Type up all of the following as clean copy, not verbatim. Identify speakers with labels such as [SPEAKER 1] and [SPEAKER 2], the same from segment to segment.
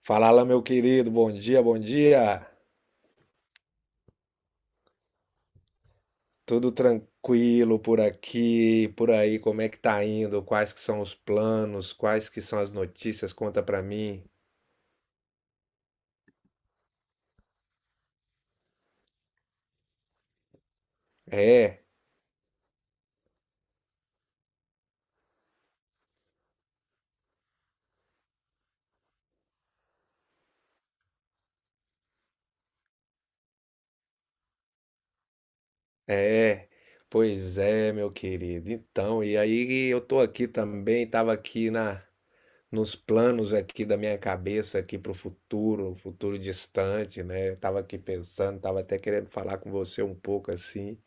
[SPEAKER 1] Fala lá, meu querido, bom dia, bom dia. Tudo tranquilo por aqui, por aí, como é que tá indo? Quais que são os planos? Quais que são as notícias? Conta pra mim. É, é. Pois é, meu querido. Então, e aí eu tô aqui também, tava aqui na nos planos aqui da minha cabeça aqui pro futuro, futuro distante, né? Eu tava aqui pensando, tava até querendo falar com você um pouco assim.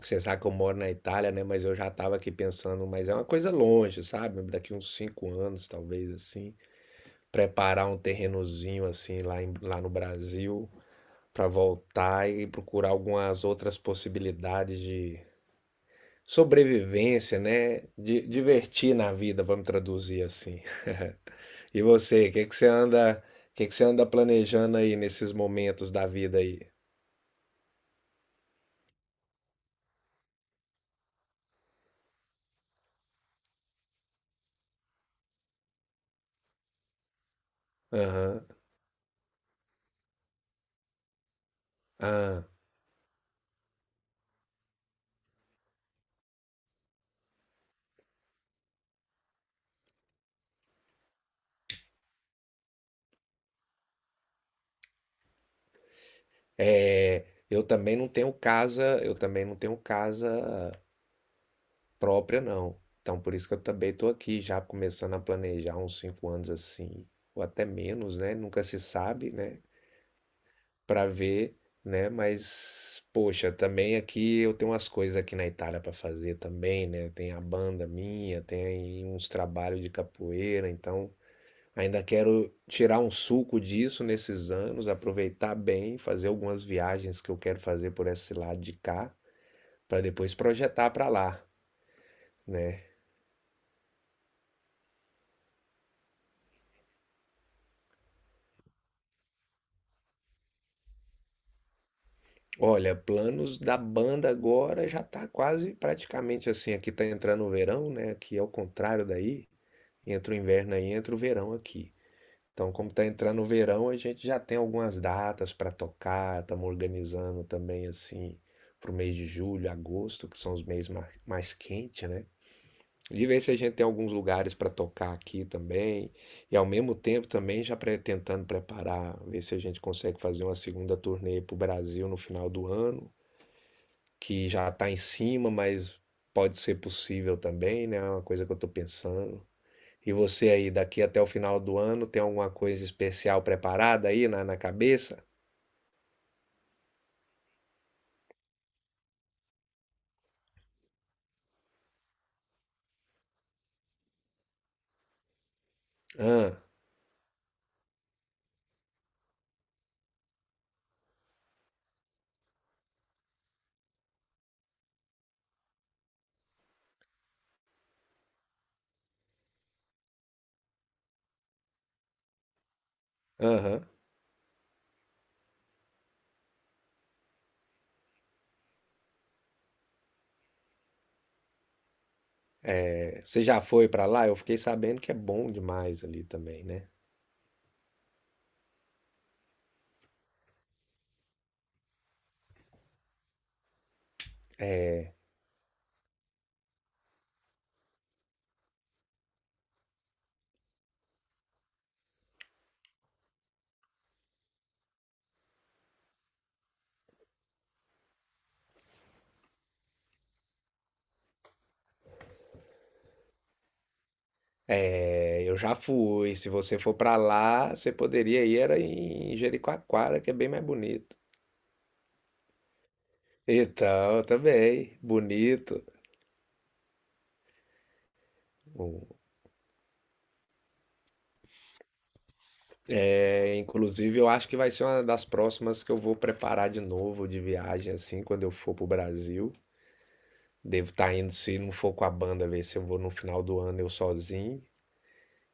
[SPEAKER 1] Você sabe que eu moro na Itália, né? Mas eu já tava aqui pensando, mas é uma coisa longe, sabe? Daqui uns 5 anos, talvez assim, preparar um terrenozinho assim lá, lá no Brasil pra voltar e procurar algumas outras possibilidades de sobrevivência, né? De divertir na vida, vamos traduzir assim. E você, o que que você anda planejando aí nesses momentos da vida aí? Aham. Ah. É, eu também não tenho casa, eu também não tenho casa própria, não. Então, por isso que eu também estou aqui já começando a planejar uns 5 anos assim, ou até menos, né? Nunca se sabe, né? Para ver, né? Mas, poxa, também aqui eu tenho umas coisas aqui na Itália para fazer também, né? Tem a banda minha, tem uns trabalhos de capoeira, então ainda quero tirar um suco disso nesses anos, aproveitar bem, fazer algumas viagens que eu quero fazer por esse lado de cá, para depois projetar para lá, né? Olha, planos da banda agora já tá quase praticamente assim, aqui tá entrando o verão, né? Aqui é o contrário daí, entra o inverno aí, entra o verão aqui. Então, como tá entrando o verão, a gente já tem algumas datas para tocar, estamos organizando também assim pro mês de julho, agosto, que são os meses mais quentes, né? De ver se a gente tem alguns lugares para tocar aqui também. E ao mesmo tempo também já tentando preparar, ver se a gente consegue fazer uma segunda turnê para o Brasil no final do ano, que já está em cima, mas pode ser possível também, né? É uma coisa que eu estou pensando. E você aí, daqui até o final do ano, tem alguma coisa especial preparada aí na cabeça? Ah, aham. É, você já foi para lá? Eu fiquei sabendo que é bom demais ali também, né? É, eu já fui. Se você for para lá, você poderia ir era em Jericoacoara, que é bem mais bonito. Então, também, bonito. É, inclusive, eu acho que vai ser uma das próximas que eu vou preparar de novo de viagem, assim, quando eu for pro Brasil. Devo estar indo, se não for com a banda, ver se eu vou no final do ano eu sozinho.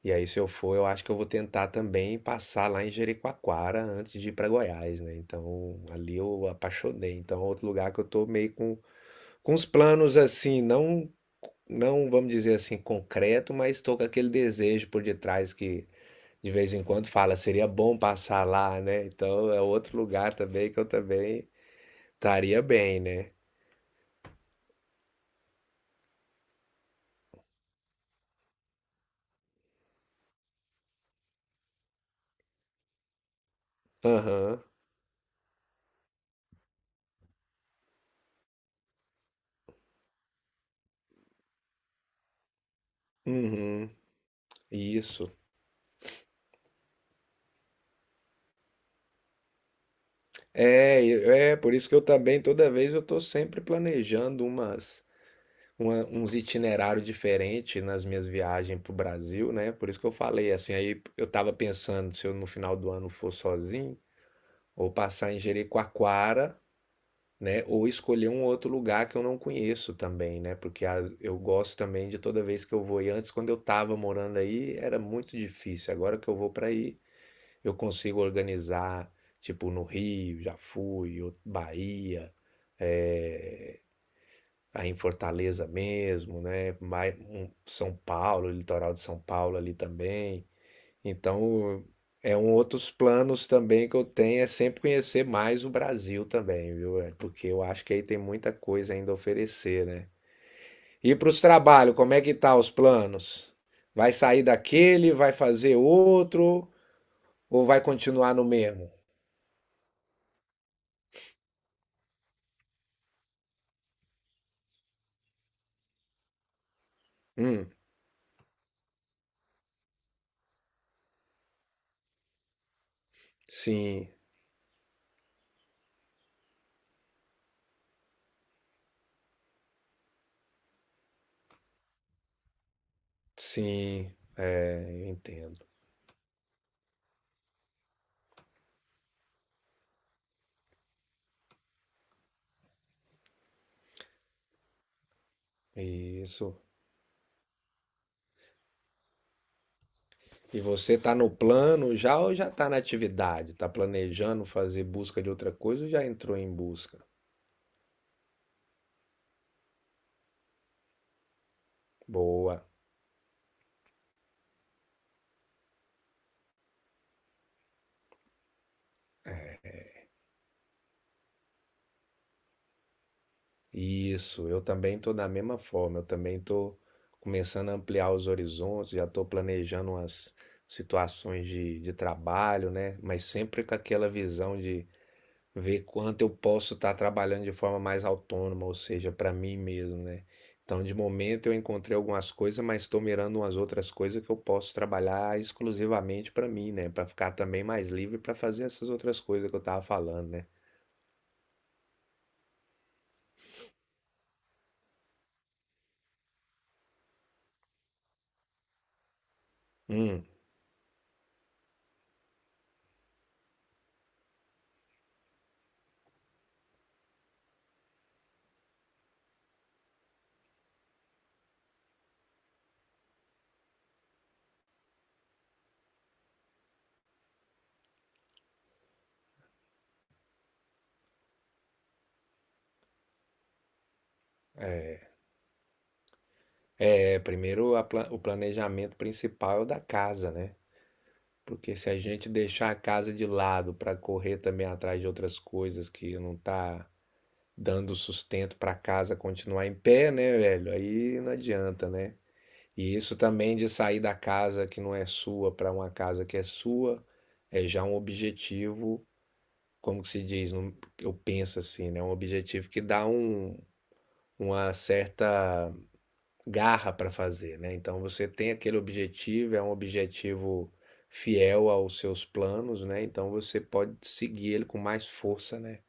[SPEAKER 1] E aí, se eu for, eu acho que eu vou tentar também passar lá em Jericoacoara antes de ir para Goiás, né? Então, ali eu apaixonei. Então, é outro lugar que eu tô meio com os planos assim, não, não vamos dizer assim concreto, mas estou com aquele desejo por detrás que de vez em quando fala, seria bom passar lá, né? Então é outro lugar também que eu também estaria bem, né? Aham, uhum, isso. É, é por isso que eu também toda vez eu estou sempre planejando uns itinerários diferentes nas minhas viagens para o Brasil, né? Por isso que eu falei assim, aí eu estava pensando se eu no final do ano for sozinho, ou passar em Jericoacoara, né? Ou escolher um outro lugar que eu não conheço também, né? Porque eu gosto também de toda vez que eu vou. E antes, quando eu estava morando aí, era muito difícil. Agora que eu vou para aí, eu consigo organizar, tipo, no Rio, já fui, ou Bahia, eh, aí em Fortaleza mesmo, né? São Paulo, litoral de São Paulo ali também. Então, é um outros planos também que eu tenho é sempre conhecer mais o Brasil também, viu? É, porque eu acho que aí tem muita coisa ainda a oferecer, né? E para os trabalhos, como é que tá os planos? Vai sair daquele, vai fazer outro ou vai continuar no mesmo? Hum, sim, sim, é, eu entendo. Isso. E você tá no plano já ou já tá na atividade? Tá planejando fazer busca de outra coisa ou já entrou em busca? Boa. Isso, eu também estou da mesma forma, eu também estou começando a ampliar os horizontes, já estou planejando umas situações de trabalho, né? Mas sempre com aquela visão de ver quanto eu posso estar trabalhando de forma mais autônoma, ou seja, para mim mesmo, né? Então, de momento eu encontrei algumas coisas, mas estou mirando umas outras coisas que eu posso trabalhar exclusivamente para mim, né? Para ficar também mais livre para fazer essas outras coisas que eu estava falando, né? Hum. É primeiro o planejamento principal é o da casa, né? Porque se a gente deixar a casa de lado para correr também atrás de outras coisas que não tá dando sustento para a casa continuar em pé, né, velho? Aí não adianta, né? E isso também de sair da casa que não é sua para uma casa que é sua é já um objetivo, como que se diz, eu penso assim, né? Um objetivo que dá uma certa garra para fazer, né? Então você tem aquele objetivo, é um objetivo fiel aos seus planos, né? Então você pode seguir ele com mais força, né?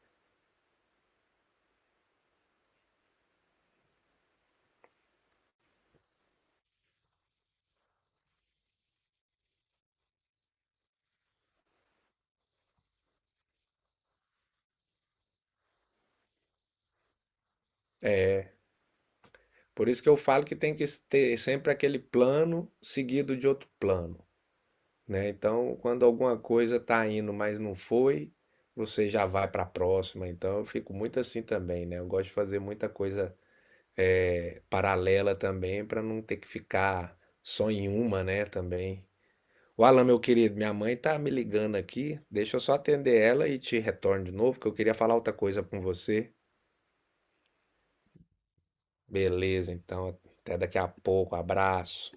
[SPEAKER 1] É, por isso que eu falo que tem que ter sempre aquele plano seguido de outro plano, né? Então, quando alguma coisa tá indo, mas não foi, você já vai para a próxima. Então, eu fico muito assim também, né? Eu gosto de fazer muita coisa paralela também para não ter que ficar só em uma, né, também. O Alan, meu querido, minha mãe tá me ligando aqui. Deixa eu só atender ela e te retorno de novo, que eu queria falar outra coisa com você. Beleza, então, até daqui a pouco. Abraço.